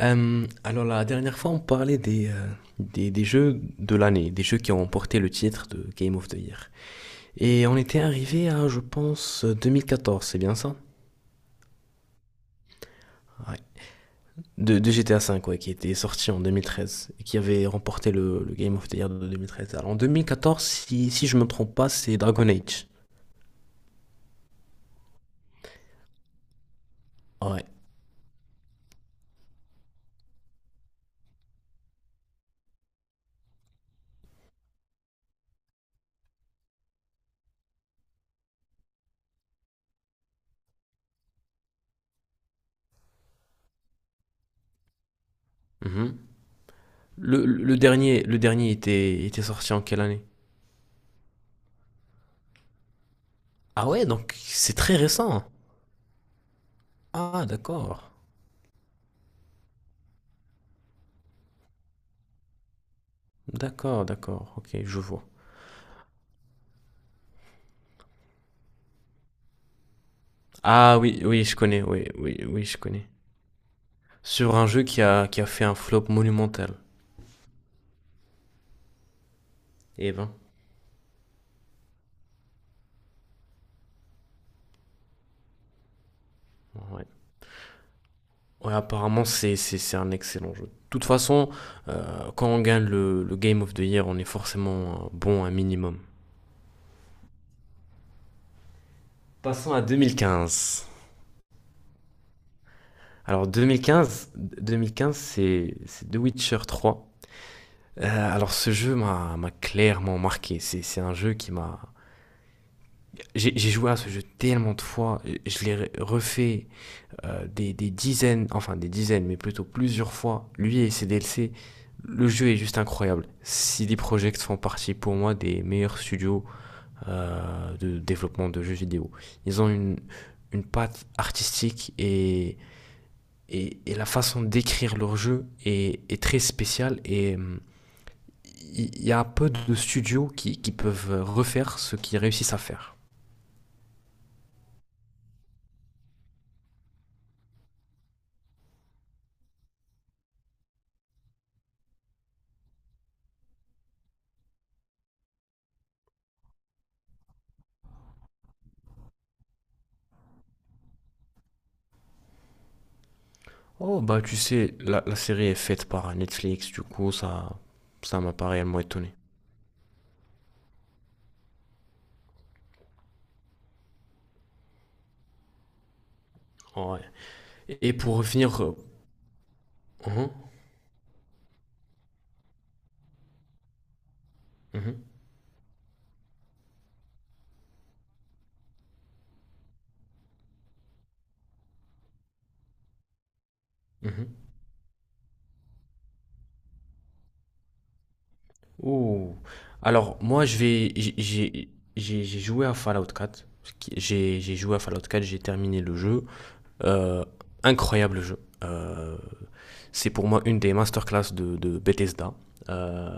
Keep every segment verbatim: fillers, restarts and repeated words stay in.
Euh, alors la dernière fois, on parlait des, euh, des, des jeux de l'année, des jeux qui ont remporté le titre de Game of the Year. Et on était arrivé à, je pense, deux mille quatorze, c'est bien ça? Ouais. De, de G T A V, ouais, qui était sorti en deux mille treize et qui avait remporté le, le Game of the Year de deux mille treize. Alors en deux mille quatorze, si, si je me trompe pas, c'est Dragon Age. Ouais. Mhm. Le, le dernier, le dernier était, était sorti en quelle année? Ah ouais, donc c'est très récent. Ah d'accord. D'accord, d'accord. Ok, je vois. Ah oui, oui, je connais, oui, oui, oui, je connais. Sur un jeu qui a, qui a fait un flop monumental. Eh ben, ouais. Ouais, apparemment, c'est, c'est, c'est un excellent jeu. De toute façon, euh, quand on gagne le, le Game of the Year, on est forcément euh, bon un minimum. Passons à deux mille quinze. Alors deux mille quinze, deux mille quinze c'est c'est The Witcher trois. Euh, alors ce jeu m'a m'a clairement marqué. C'est c'est un jeu qui m'a... J'ai j'ai joué à ce jeu tellement de fois, je l'ai refait euh, des, des dizaines, enfin des dizaines, mais plutôt plusieurs fois, lui et ses D L C. Le jeu est juste incroyable. C D Projekt font partie pour moi des meilleurs studios euh, de développement de jeux vidéo. Ils ont une, une patte artistique et, et, et la façon d'écrire leur jeu est, est très spéciale et hum, il y a peu de studios qui, qui peuvent refaire ce qu'ils réussissent à faire. Oh bah tu sais, la, la série est faite par Netflix, du coup ça ça m'a pas réellement étonné. Ouais. Et pour revenir, euh, mhm, mhm, mhm. Ouh. Alors, moi, je vais. J'ai j'ai- j'ai- j'ai joué à Fallout quatre. J'ai j'ai joué à Fallout quatre, j'ai terminé le jeu. Euh, Incroyable jeu. Euh, c'est pour moi une des masterclass de, de Bethesda. Euh,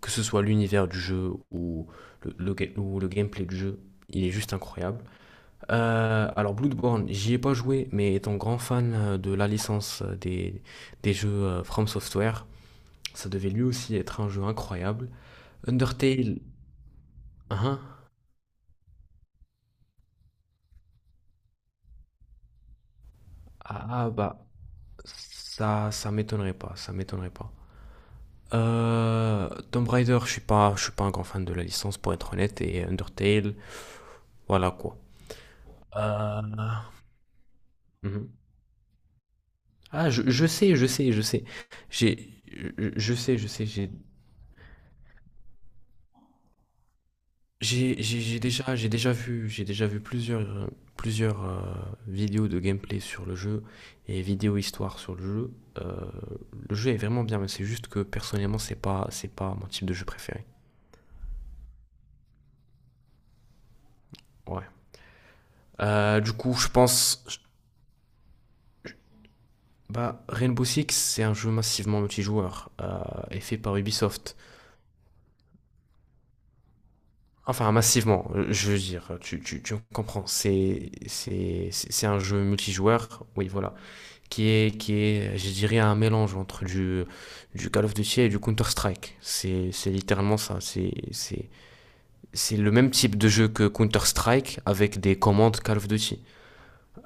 que ce soit l'univers du jeu ou le, le ga- ou le gameplay du jeu, il est juste incroyable. Euh, alors Bloodborne, j'y ai pas joué, mais étant grand fan euh, de la licence euh, des, des jeux euh, From Software, ça devait lui aussi être un jeu incroyable. Undertale, hein? Hein. Ah ah, bah, ça, ça m'étonnerait pas, ça m'étonnerait pas. Euh, Tomb Raider, je suis pas, je suis pas un grand fan de la licence pour être honnête, et Undertale, voilà quoi. Euh, mhm. Ah, je, je sais, je sais, je sais. J'ai, je, je sais, je sais, j'ai J'ai j'ai- j'ai déjà, j'ai déjà vu, j'ai déjà vu plusieurs, euh, plusieurs euh, vidéos de gameplay sur le jeu et vidéos histoire sur le jeu. Euh, le jeu est vraiment bien, mais c'est juste que personnellement, c'est pas, c'est pas mon type de jeu préféré. Ouais. Euh, du coup, je pense, bah, Rainbow Six, c'est un jeu massivement multijoueur euh, et fait par Ubisoft. Enfin, massivement, euh, je veux dire, tu, tu, tu comprends, c'est, c'est, c'est c'est un jeu multijoueur, oui, voilà, qui est, qui est, je dirais, un mélange entre du, du Call of Duty et du Counter-Strike. C'est, c'est littéralement ça, c'est, c'est, c'est le même type de jeu que Counter-Strike avec des commandes Call of Duty.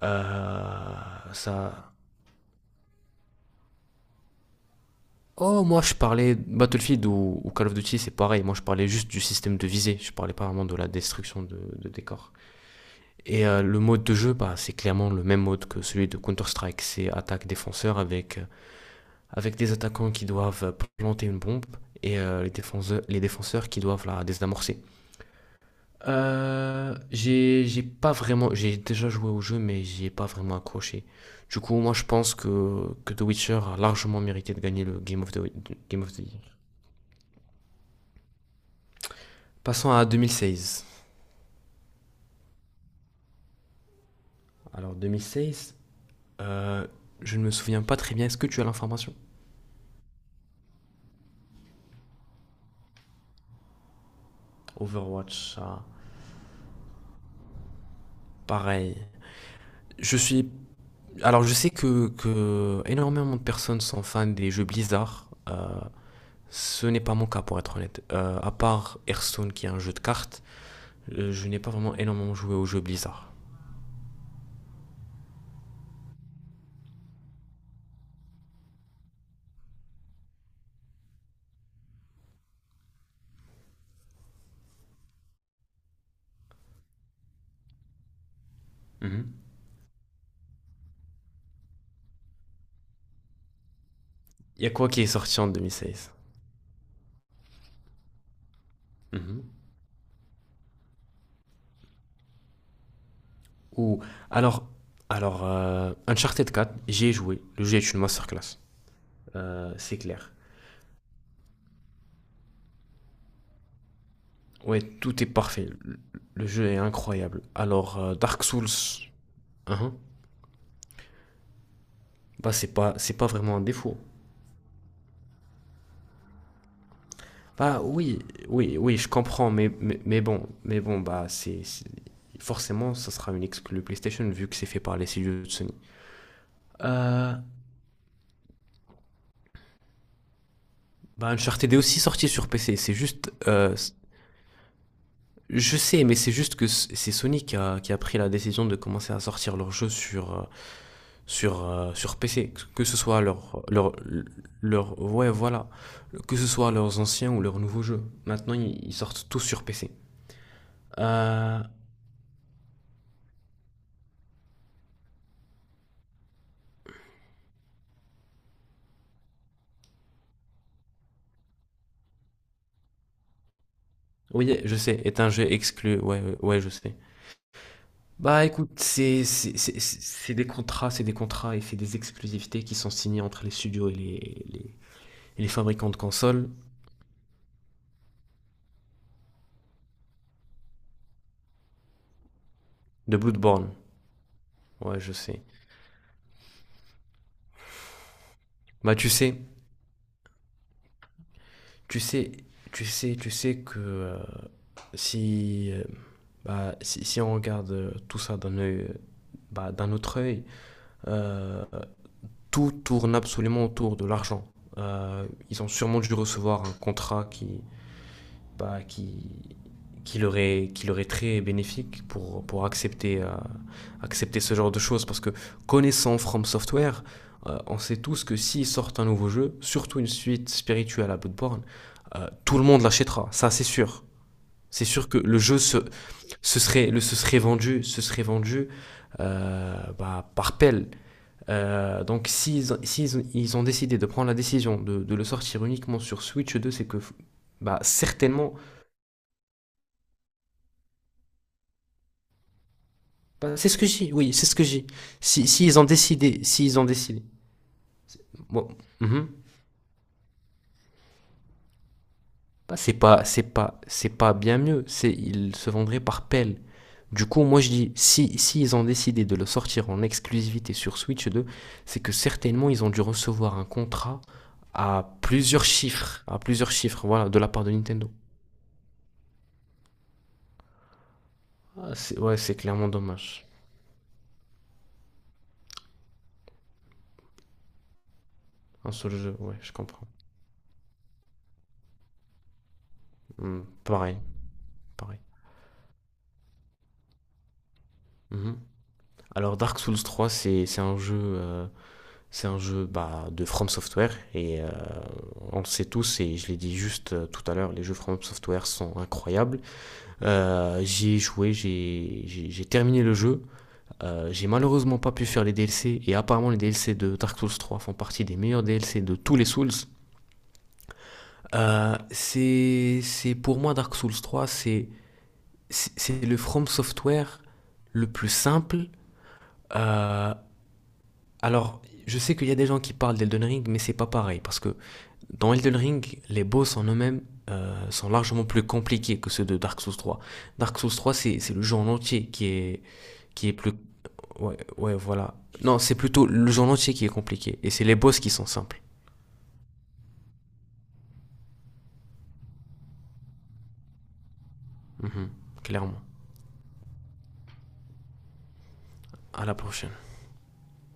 Euh, Ça... Oh, moi je parlais Battlefield ou, ou Call of Duty, c'est pareil, moi je parlais juste du système de visée, je parlais pas vraiment de la destruction de, de décors. Et euh, le mode de jeu, bah, c'est clairement le même mode que celui de Counter-Strike. C'est attaque-défenseur avec, euh, avec des attaquants qui doivent euh, planter une bombe et euh, les défenseurs, les défenseurs qui doivent la désamorcer. Euh, j'ai, j'ai pas vraiment, j'ai déjà joué au jeu, mais j'y ai pas vraiment accroché. Du coup, moi, je pense que, que The Witcher a largement mérité de gagner le Game of the, Game of the Year. Passons à deux mille seize. Alors, deux mille seize, euh, je ne me souviens pas très bien. Est-ce que tu as l'information? Overwatch, ça, pareil. Je suis. Alors, je sais que, que énormément de personnes sont fans des jeux Blizzard. Euh, ce n'est pas mon cas, pour être honnête. Euh, à part Hearthstone, qui est un jeu de cartes, euh, je n'ai pas vraiment énormément joué aux jeux Blizzard. Mhm. Il y a quoi qui est sorti en deux mille seize? Mhm. Ou. Alors, alors euh, Uncharted quatre, j'y ai joué. Le jeu est une masterclass. Euh, c'est clair. Ouais, tout est parfait. Le, le jeu est incroyable. Alors, euh, Dark Souls. Hein. Bah, c'est pas, c'est pas vraiment un défaut. Bah oui, oui, oui, je comprends, mais, mais, mais bon, mais bon, bah c'est c'est- forcément ça sera une exclu PlayStation vu que c'est fait par les studios de Sony. Euh, Bah Uncharted est aussi sorti sur P C. C'est juste, euh, c- je sais, mais c'est juste que c- c'est Sony qui a, qui a pris la décision de commencer à sortir leurs jeux sur euh, sur euh, sur P C, que ce soit leur leur leur ouais voilà, que ce soit leurs anciens ou leurs nouveaux jeux. Maintenant ils, ils sortent tous sur P C. Euh, Oui, je sais, est un jeu exclu, ouais, ouais, ouais, je sais. Bah écoute, c'est c'est- c'est- c'est- c'est des contrats, c'est des contrats et c'est des exclusivités qui sont signées entre les studios et les, les, et les fabricants de consoles de Bloodborne. Ouais, je sais. Bah tu sais, tu sais, tu sais, tu sais que euh, si, euh, bah, si, si on regarde euh, tout ça d'un œil, euh, bah, d'un autre œil, euh, tout tourne absolument autour de l'argent. Euh, ils ont sûrement dû recevoir un contrat qui, bah, qui, qui, leur est, qui leur est très bénéfique pour, pour accepter, euh, accepter ce genre de choses. Parce que connaissant From Software, euh, on sait tous que s'ils sortent un nouveau jeu, surtout une suite spirituelle à Bloodborne, euh, tout le monde l'achètera, ça c'est sûr. C'est sûr que le jeu se, se serait, le, se serait vendu, se serait vendu euh, bah, par pelle. Euh, donc s'ils ils, ils ont décidé de prendre la décision de, de, le sortir uniquement sur Switch deux, c'est que bah, certainement. Bah, c'est ce que j'ai, oui, c'est ce que j'ai. Si, si ils ont décidé, si ils ont décidé. Bon, mhm. Bah, c'est pas, c'est pas, c'est pas bien mieux. C'est, ils se vendraient par pelle. Du coup, moi je dis, si, si ils ont décidé de le sortir en exclusivité sur Switch deux, c'est que certainement ils ont dû recevoir un contrat à plusieurs chiffres, à plusieurs chiffres, voilà, de la part de Nintendo. Ah, c'est- ouais, c'est clairement dommage. Un seul jeu, ouais, je comprends. Hmm, pareil, pareil. Mhm. Alors Dark Souls trois, c'est c'est un jeu, euh, c'est un jeu bah, de From Software et euh, on le sait tous et je l'ai dit juste euh, tout à l'heure, les jeux From Software sont incroyables. Euh, j'y ai joué, j'ai- j'ai j'ai terminé le jeu. Euh, j'ai malheureusement pas pu faire les D L C et apparemment les D L C de Dark Souls trois font partie des meilleurs D L C de tous les Souls. Euh, c'est c'est- pour moi Dark Souls trois, c'est c'est c'est le From Software le plus simple. Euh, alors, je sais qu'il y a des gens qui parlent d'Elden Ring, mais c'est pas pareil parce que dans Elden Ring, les boss en eux-mêmes euh, sont largement plus compliqués que ceux de Dark Souls trois. Dark Souls trois, c'est c'est le jeu en entier qui est, qui est plus... Ouais, ouais, voilà. Non, c'est plutôt le jeu en entier qui est compliqué. Et c'est les boss qui sont simples. Mhm, clairement. À la prochaine.